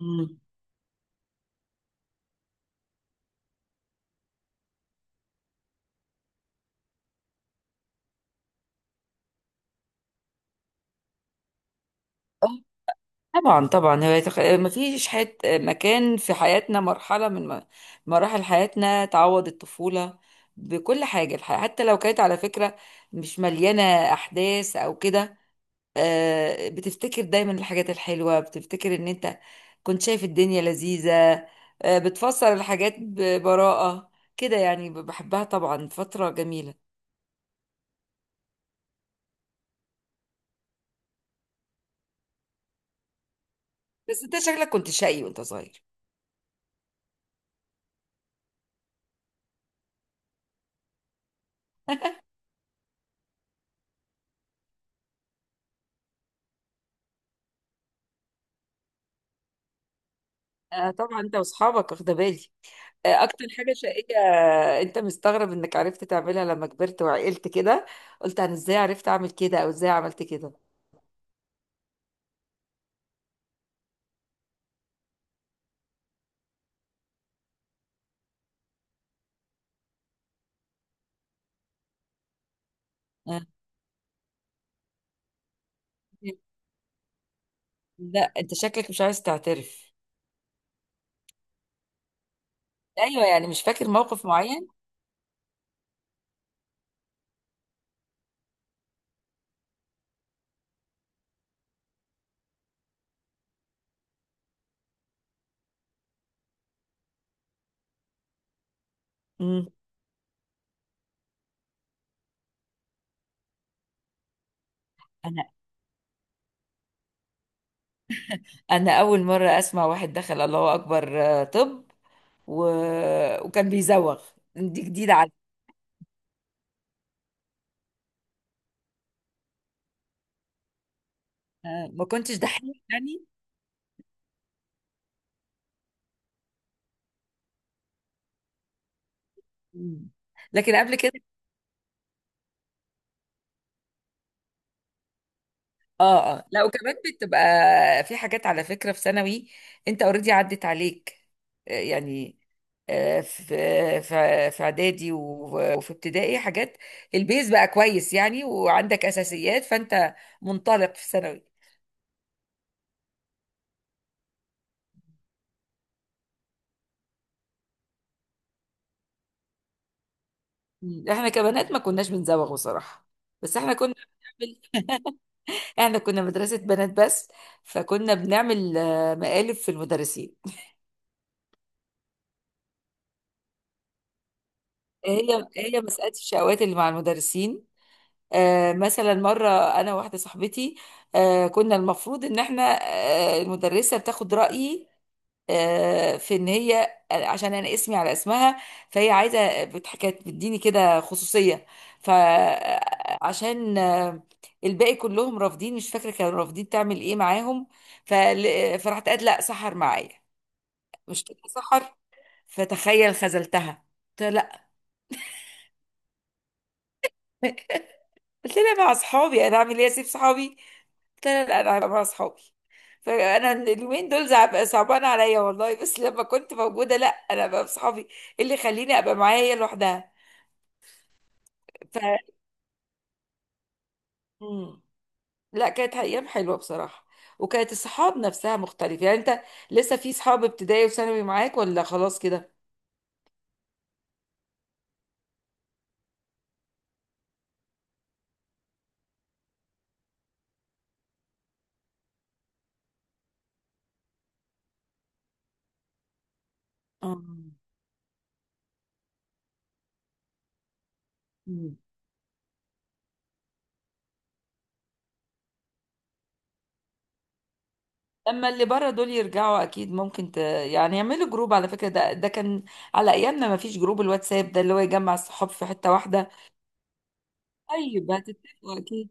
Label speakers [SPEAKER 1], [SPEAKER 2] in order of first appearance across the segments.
[SPEAKER 1] مم. آه، طبعا طبعا هو يتخ... آه، ما فيش حت... مكان في حياتنا مرحلة من مراحل حياتنا تعوض الطفولة بكل حاجة حتى لو كانت على فكرة مش مليانة أحداث أو كده. بتفتكر دايما الحاجات الحلوة، بتفتكر إن أنت كنت شايف الدنيا لذيذة. بتفسر الحاجات ببراءة كده، يعني بحبها، طبعا فترة جميلة. بس أنت شكلك كنت شقي وأنت صغير. طبعا أنت وأصحابك، واخدة بالي اكتر حاجه شقيه. انت مستغرب انك عرفت تعملها لما كبرت وعقلت كده، قلت انا ازاي عرفت اعمل كده او ازاي عملت كده. آه. لا انت شكلك مش عايز تعترف، ايوه يعني مش فاكر موقف معين. امم. انا انا اول مره اسمع واحد دخل الله اكبر. طب و... وكان بيزوغ، دي جديده علي. ما كنتش دحيح يعني. مم. لكن قبل كده اه اه، لا وكمان بتبقى في حاجات على فكرة في ثانوي. انت اوريدي عدت عليك. يعني آه، في في اعدادي وفي ابتدائي حاجات، البيز بقى كويس يعني، وعندك اساسيات، فانت منطلق في ثانوي. مم. احنا كبنات ما كناش بنزوغ بصراحة، بس احنا كنا بنعمل، احنا كنا مدرسة بنات بس، فكنا بنعمل مقالب في المدرسين. هي هي مسألة الشقوات اللي مع المدرسين. مثلا مرة أنا واحدة صاحبتي، كنا المفروض إن إحنا، المدرسة بتاخد رأيي في إن هي عشان أنا اسمي على اسمها، فهي عايزة كانت بتديني كده خصوصية، فعشان الباقي كلهم رافضين، مش فاكرة كانوا رافضين تعمل إيه معاهم. فرحت قالت لأ سحر معايا، مش كده سحر، فتخيل خذلتها. قلت لها لأ، قلت لها مع أصحابي، أنا أعمل إيه، أسيب صحابي؟ لا لا لا، انا هبقى مع اصحابي. فانا اليومين دول صعبان عليا والله، بس لما كنت موجوده، لا انا بقى بصحابي. إيه اللي يخليني ابقى معايا هي لوحدها؟ ف مم. لا كانت ايام حلوه بصراحه، وكانت الصحاب نفسها مختلفه. يعني انت لسه في صحاب ابتدائي وثانوي معاك، ولا خلاص كده؟ اه. مم. لما اللي بره دول يرجعوا اكيد ممكن يعني يعملوا جروب، على فكره ده ده كان على ايامنا ما فيش جروب الواتساب ده اللي هو يجمع الصحاب في حته واحده. طيب هتتفقوا اكيد.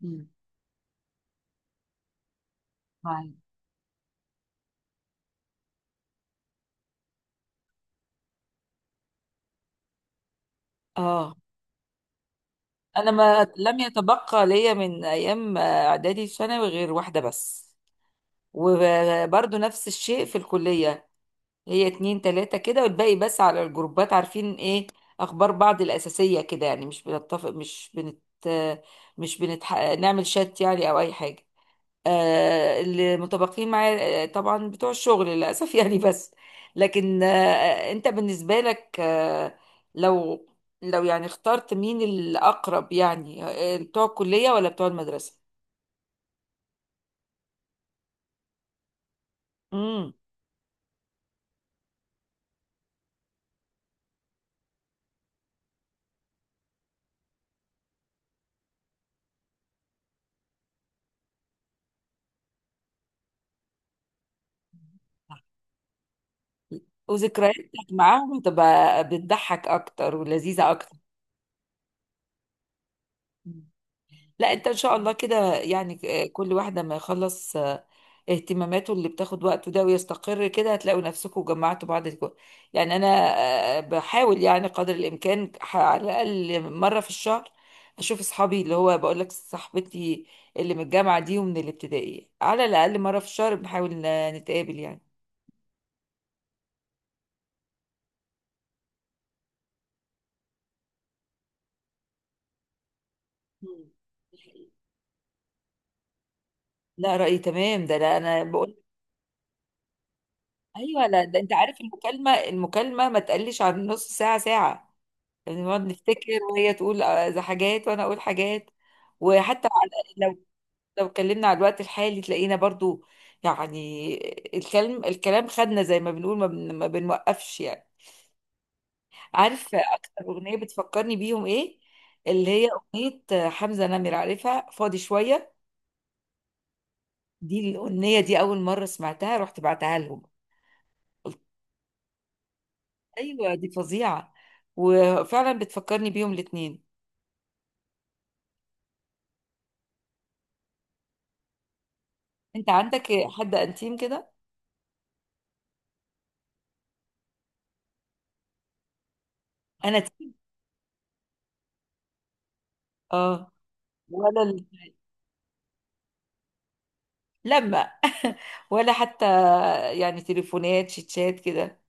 [SPEAKER 1] مم. معي. اه. انا ما لم يتبقى ليا من ايام اعدادي ثانوي غير واحده بس، وبرضو نفس الشيء في الكليه، هي اتنين تلاته كده، والباقي بس على الجروبات، عارفين ايه اخبار بعض الاساسيه كده يعني. مش بنتفق، مش بنت مش بنتح... نعمل شات يعني او اي حاجه. اللي متبقين معايا طبعا بتوع الشغل للأسف يعني. بس لكن انت بالنسبة لك لو يعني اخترت مين الأقرب يعني، بتوع الكلية ولا بتوع المدرسة؟ امم. وذكرياتك معاهم تبقى بتضحك أكتر ولذيذة أكتر. مم. لا انت ان شاء الله كده يعني، كل واحدة ما يخلص اهتماماته اللي بتاخد وقته ده ويستقر كده، هتلاقوا نفسكم جمعتوا بعض يعني انا بحاول يعني قدر الامكان، على الاقل مره في الشهر اشوف اصحابي، اللي هو بقول لك صاحبتي اللي من الجامعه دي ومن الابتدائي، على الاقل مره في الشهر بنحاول نتقابل يعني. مم. دي حقيقة. لا رأيي تمام ده، لا انا بقول ايوه. لا ده انت عارف المكالمه، ما تقلش عن نص ساعه ساعه، يعني نقعد نفتكر، وهي تقول حاجات وانا اقول حاجات. وحتى لو اتكلمنا على الوقت الحالي تلاقينا برضو يعني، الكلام خدنا زي ما بنقول، ما بنوقفش يعني. عارف اكتر اغنيه بتفكرني بيهم ايه؟ اللي هي اغنيه حمزه نمر، عارفها، فاضي شويه. دي الاغنيه، دي اول مره سمعتها رحت بعتها لهم، قلت ايوه دي فظيعه، وفعلا بتفكرني بيهم الاتنين. انت عندك حد انتيم كده؟ انا تيم. اه. ولا لما ولا حتى يعني تليفونات شيتشات كده؟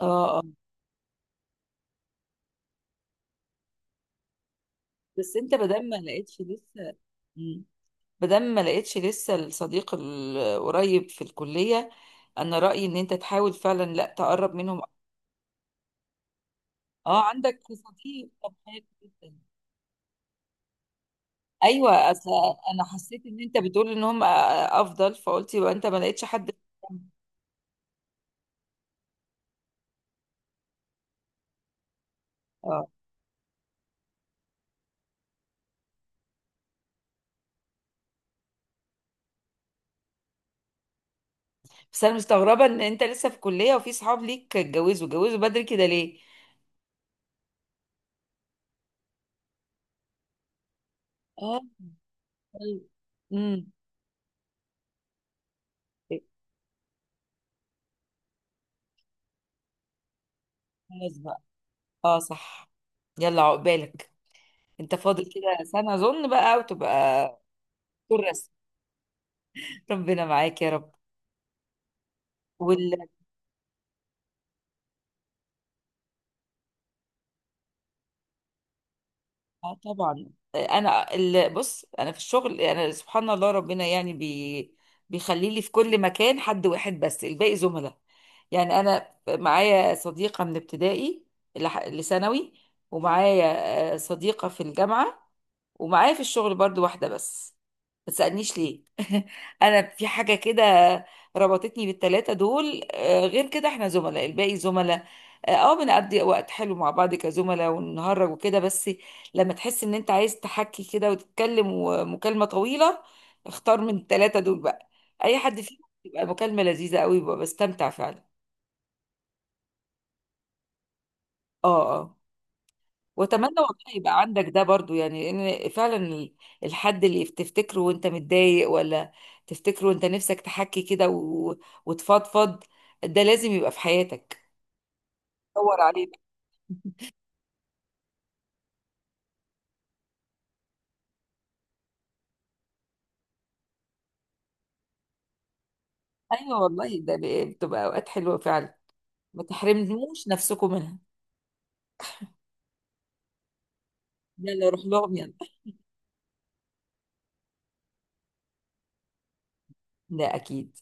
[SPEAKER 1] اه اه. بس انت بدل ما لقيتش لسه، مم، بدل ما لقيتش لسه الصديق القريب في الكلية، انا رأيي ان انت تحاول فعلا لا تقرب منهم. اه عندك صديق، طب حلو جدا. ايوه اصل انا حسيت ان انت بتقول ان هم افضل، فقلت يبقى انت ما لقيتش حد. اه. بس انا مستغربة ان انت لسه في كلية وفي صحاب ليك اتجوزوا، اتجوزوا بدري كده ليه؟ اه. طيب. امم. خلاص بقى. اه صح. يلا عقبالك، انت فاضل كده سنة اظن بقى وتبقى دكتور رسم. ربنا معاك يا رب. وال اه طبعا. بص، انا في الشغل انا سبحان الله ربنا يعني بيخلي لي في كل مكان حد واحد، بس الباقي زملاء. يعني انا معايا صديقة من ابتدائي لثانوي، ومعايا صديقة في الجامعة، ومعايا في الشغل برضو واحدة بس. ما تسألنيش ليه، انا في حاجه كده ربطتني بالثلاثه دول. غير كده احنا زملاء، الباقي زملاء. اه، بنقضي وقت حلو مع بعض كزملاء ونهرج وكده، بس لما تحس ان انت عايز تحكي كده وتتكلم ومكالمه طويله، اختار من الثلاثه دول بقى، اي حد فيهم، بتبقى مكالمه لذيذه قوي، ببقى بستمتع فعلا. اه اه. واتمنى والله يبقى عندك ده برضو، يعني ان فعلا الحد اللي تفتكره وانت متضايق، ولا تفتكره وانت نفسك تحكي كده وتفضفض، ده لازم يبقى في حياتك. دور عليه بقى. ايوه والله ده بتبقى اوقات حلوه فعلا، ما تحرموش نفسكم منها. يلا روح لهم يلا. ده اكيد.